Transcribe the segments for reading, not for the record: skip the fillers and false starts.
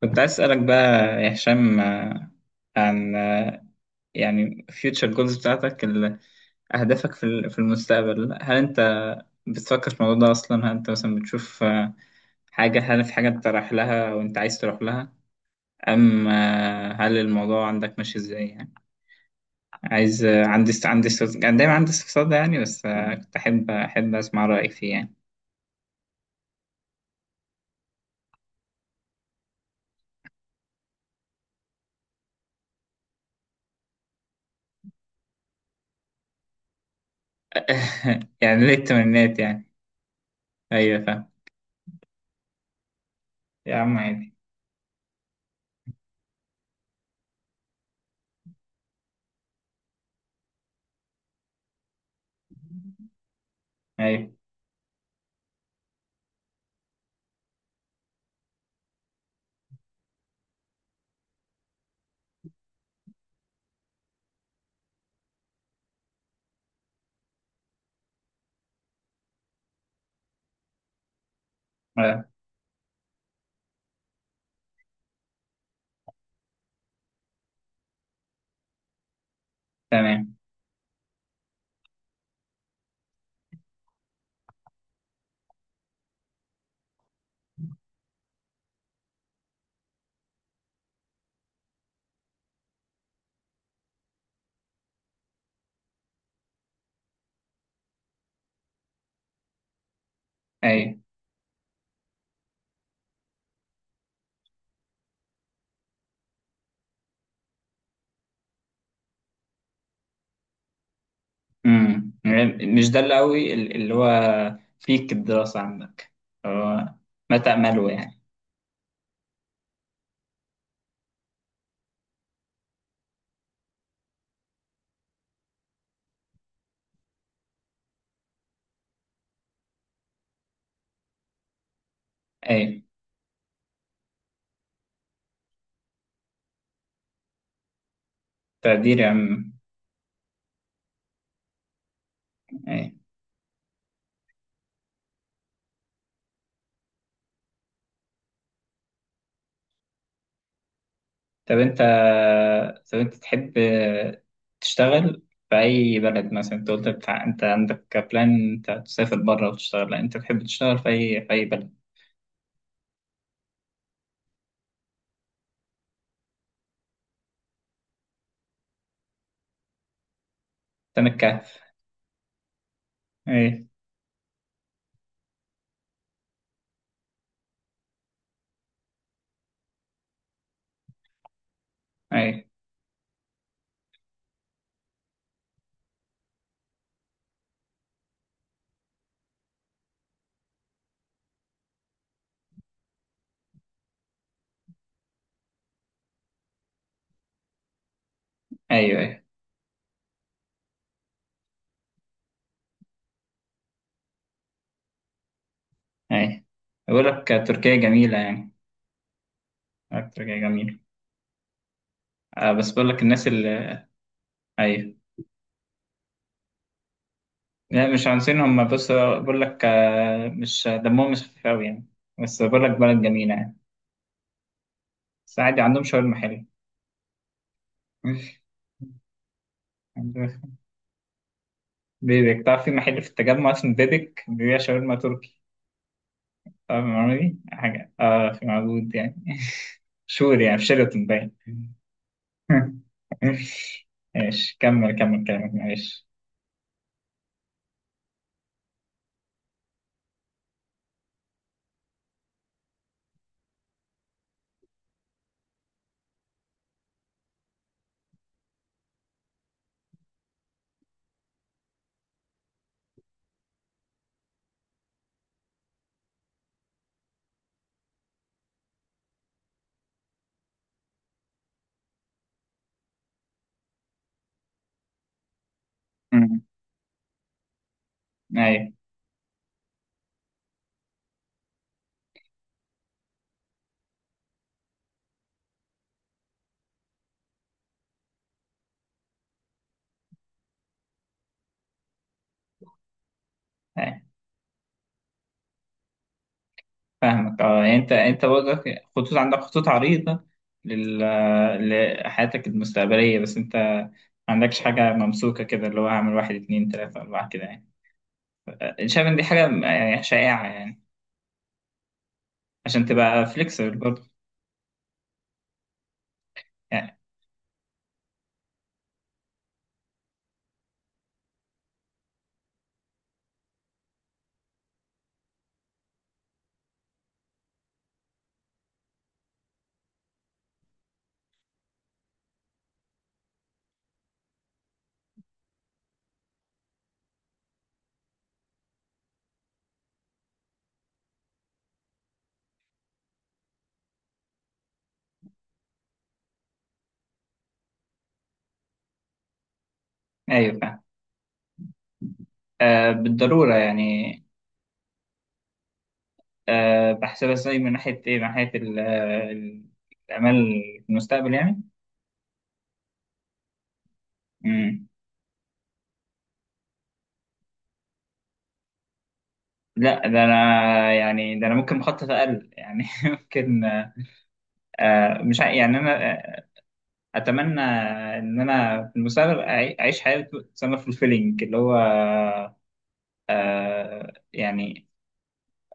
كنت عايز أسألك بقى يا هشام، عن يعني future goals بتاعتك أهدافك في المستقبل. هل أنت بتفكر في الموضوع ده أصلا؟ هل أنت مثلا بتشوف حاجة، هل في حاجة أنت رايح لها وأنت عايز تروح لها، أم هل الموضوع عندك ماشي إزاي يعني؟ عايز كان دايما عندي استفسار ده يعني، بس كنت أحب أسمع رأيك فيه يعني. يعني ليه التمنيات يعني؟ أيوه فاهم. يا عم عادي. أيوه. آه، تمام. أيوه. يعني مش ده اللي قوي اللي هو فيك الدراسة عندك، هو ما تأمله يعني. ايه. تقدير يا عم. ايه. طب انت، تحب تشتغل في اي بلد؟ مثلا انت قلت بتاع انت عندك بلان انت تسافر بره وتشتغل، لا انت تحب تشتغل في اي في اي بلد؟ تمام الكهف. ايه. ايه. ايوه. ايه. ايه. بقول لك تركيا جميلة يعني. تركيا جميلة. آه بس بقول لك الناس اللي، ايوه، لا مش عنصريين هم، بص بقول لك مش دمهم مش خفيف قوي يعني، بس بقول لك بلد جميلة يعني. بس عادي عندهم شاورما حلوة. عندهم- بيبك تعرف؟ في محل في التجمع اسمه بيبك بيبيع شاورما تركي. تعرف المعلومة دي؟ حاجة اه في، موجود يعني. شور يعني، في شيراتون باين. ماشي كمل، كلامك معلش. أمم، أيوه. أيوه. فاهمك اه، يعني انت، برضك خطوط، عندك خطوط عريضة لل... لحياتك المستقبلية، بس انت ما عندكش حاجة ممسوكة كده اللي هو هعمل واحد اتنين تلاتة أربعة كده يعني. شايف إن دي حاجة يعني شائعة يعني؟ عشان تبقى فليكسبل برضه يعني. أيوة فاهم، بالضرورة يعني. بحسبها ازاي؟ من ناحية الأمال في المستقبل يعني. مم. لا ده أنا، يعني ده أنا ممكن مخطط أقل يعني. ممكن مش ع- يعني أنا اتمنى ان انا في المستقبل اعيش حياه تسمى فولفيلينج، اللي هو يعني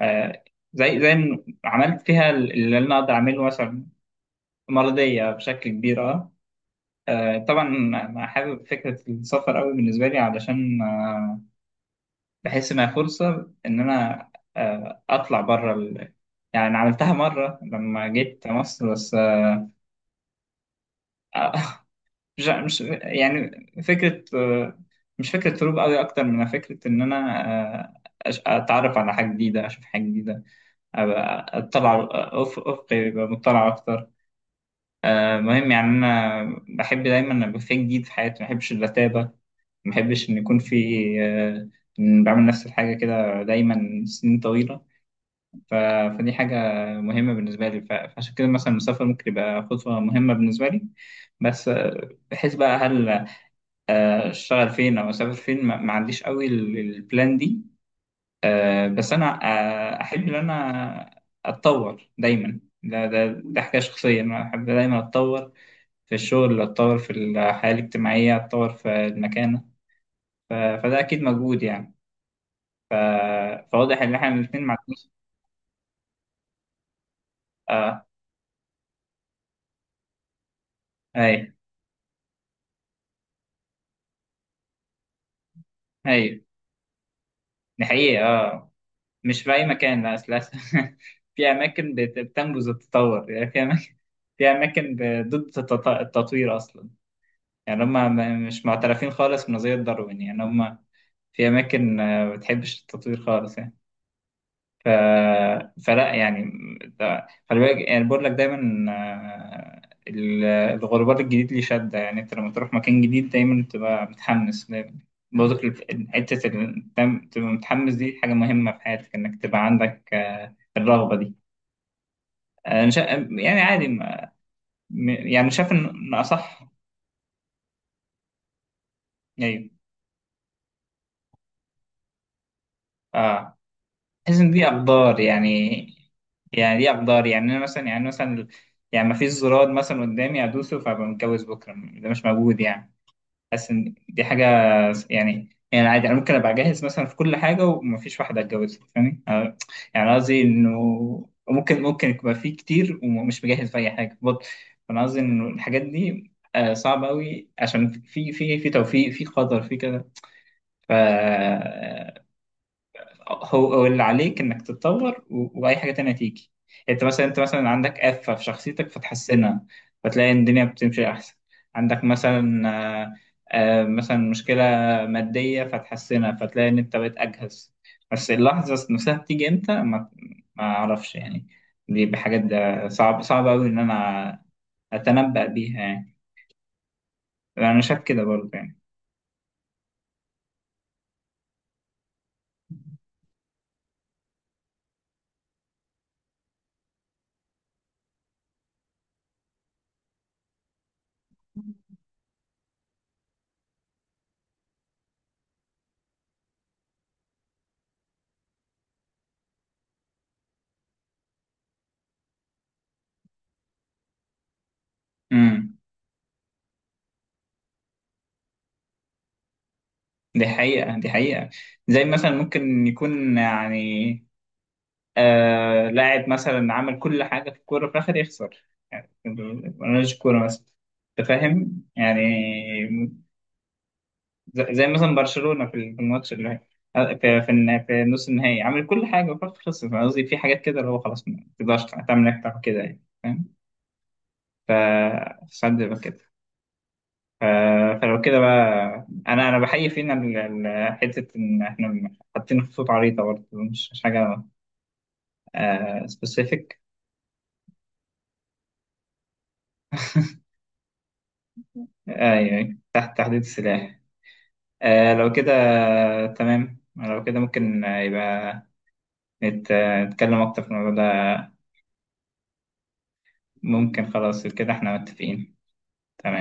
آه زي إن عملت فيها اللي انا اقدر اعمله مثلا. مرضيه بشكل كبير اه. طبعا انا حابب فكره السفر قوي بالنسبه لي، علشان بحس انها فرصه ان انا اطلع بره يعني عملتها مره لما جيت مصر بس. مش يعني فكرة مش فكرة هروب قوي، أكتر من فكرة إن أنا آه، أتعرف على حاجة جديدة، أشوف حاجة جديدة، أبقى أطلع أفقي، يبقى مطلع أكتر. مهم يعني، أنا بحب دايما أبقى في جديد في حياتي، ما بحبش الرتابة، ما بحبش إن يكون في آه، إن بعمل نفس الحاجة كده دايما سنين طويلة. ف- فدي حاجة مهمة بالنسبة لي، فعشان كده مثلا المسافر ممكن يبقى خطوة مهمة بالنسبة لي. بس بحيث بقى هل اشتغل فين او اسافر فين؟ ما عنديش قوي البلان دي. بس انا احب ان انا اتطور دايما. ده حكايه شخصيه، انا احب دايما اتطور في الشغل، اتطور في الحياه الاجتماعيه، اتطور في المكانه. فده اكيد مجهود يعني. ف- فواضح ان احنا الاثنين ما عندناش. اه. ايوه. ايوه. دي حقيقه اه. مش في اي مكان، لا اساسا. في اماكن بتنبذ التطور يعني، في اماكن ضد التطوير اصلا. يعني هم مش معترفين خالص بنظرية داروين يعني، هم في أماكن ما بتحبش التطوير خالص يعني. ف... فلا يعني، خلي بالك، يعني بقول لك دايما الغربال الجديد ليه شدة يعني. أنت لما تروح مكان جديد دايما بتبقى متحمس، دايما برضك حتة دايما تبقى متحمس. دي حاجة مهمة في حياتك إنك تبقى عندك الرغبة دي. أنا يعني عادي ما... يعني شايف إن أصح. أيوه. آه. بحس ان دي اقدار يعني، يعني دي اقدار يعني، انا مثلا يعني ما فيش زرار مثلا قدامي ادوسه فابقى متجوز بكره، ده مش موجود يعني. حاسس ان دي حاجه يعني عادي، انا ممكن ابقى جاهز مثلا في كل حاجه وما فيش واحده اتجوزها، فاهمني؟ يعني قصدي انه ممكن يبقى في كتير، ومش مجهز في اي حاجه برضه. فانا قصدي انه الحاجات دي صعبه قوي، عشان في، في توفيق، في قدر، في كده. ف هو، اللي عليك انك تتطور واي حاجه تانية تيجي يعني. انت مثلا، عندك آفة في شخصيتك فتحسنها، فتلاقي ان الدنيا بتمشي احسن. عندك مثلا آه، مثلا مشكله ماديه فتحسنها، فتلاقي ان انت بقيت اجهز. بس اللحظه نفسها بتيجي امتى، ما اعرفش يعني. دي بحاجات، ده صعب صعب قوي ان انا اتنبأ بيها يعني. انا شايف كده برضه يعني. امم دي حقيقة، دي حقيقة. زي مثلا ممكن يكون يعني لاعب مثلا عمل كل حاجة في الكورة، في الآخر يخسر. ملوش كورة مثلا. أنت فاهم؟ يعني زي مثلا برشلونة في الماتش في نص النهائي، عمل كل حاجة وفي الآخر خسر. فاهم قصدي؟ في حاجات كده اللي هو خلاص، ما تقدرش تعمل أكتر من كده يعني. فاهم؟ فساعات بيبقى كده. ف- فلو كده بقى، أنا بحيي فينا حتة إن إحنا حاطين خطوط عريضة برضه، مش حاجة سبيسيفيك. أيوه. أيوة. تحت تحديد السلاح. لو كده تمام، لو كده ممكن يبقى نتكلم أكتر في الموضوع ده. ممكن، خلاص كده احنا متفقين. تمام.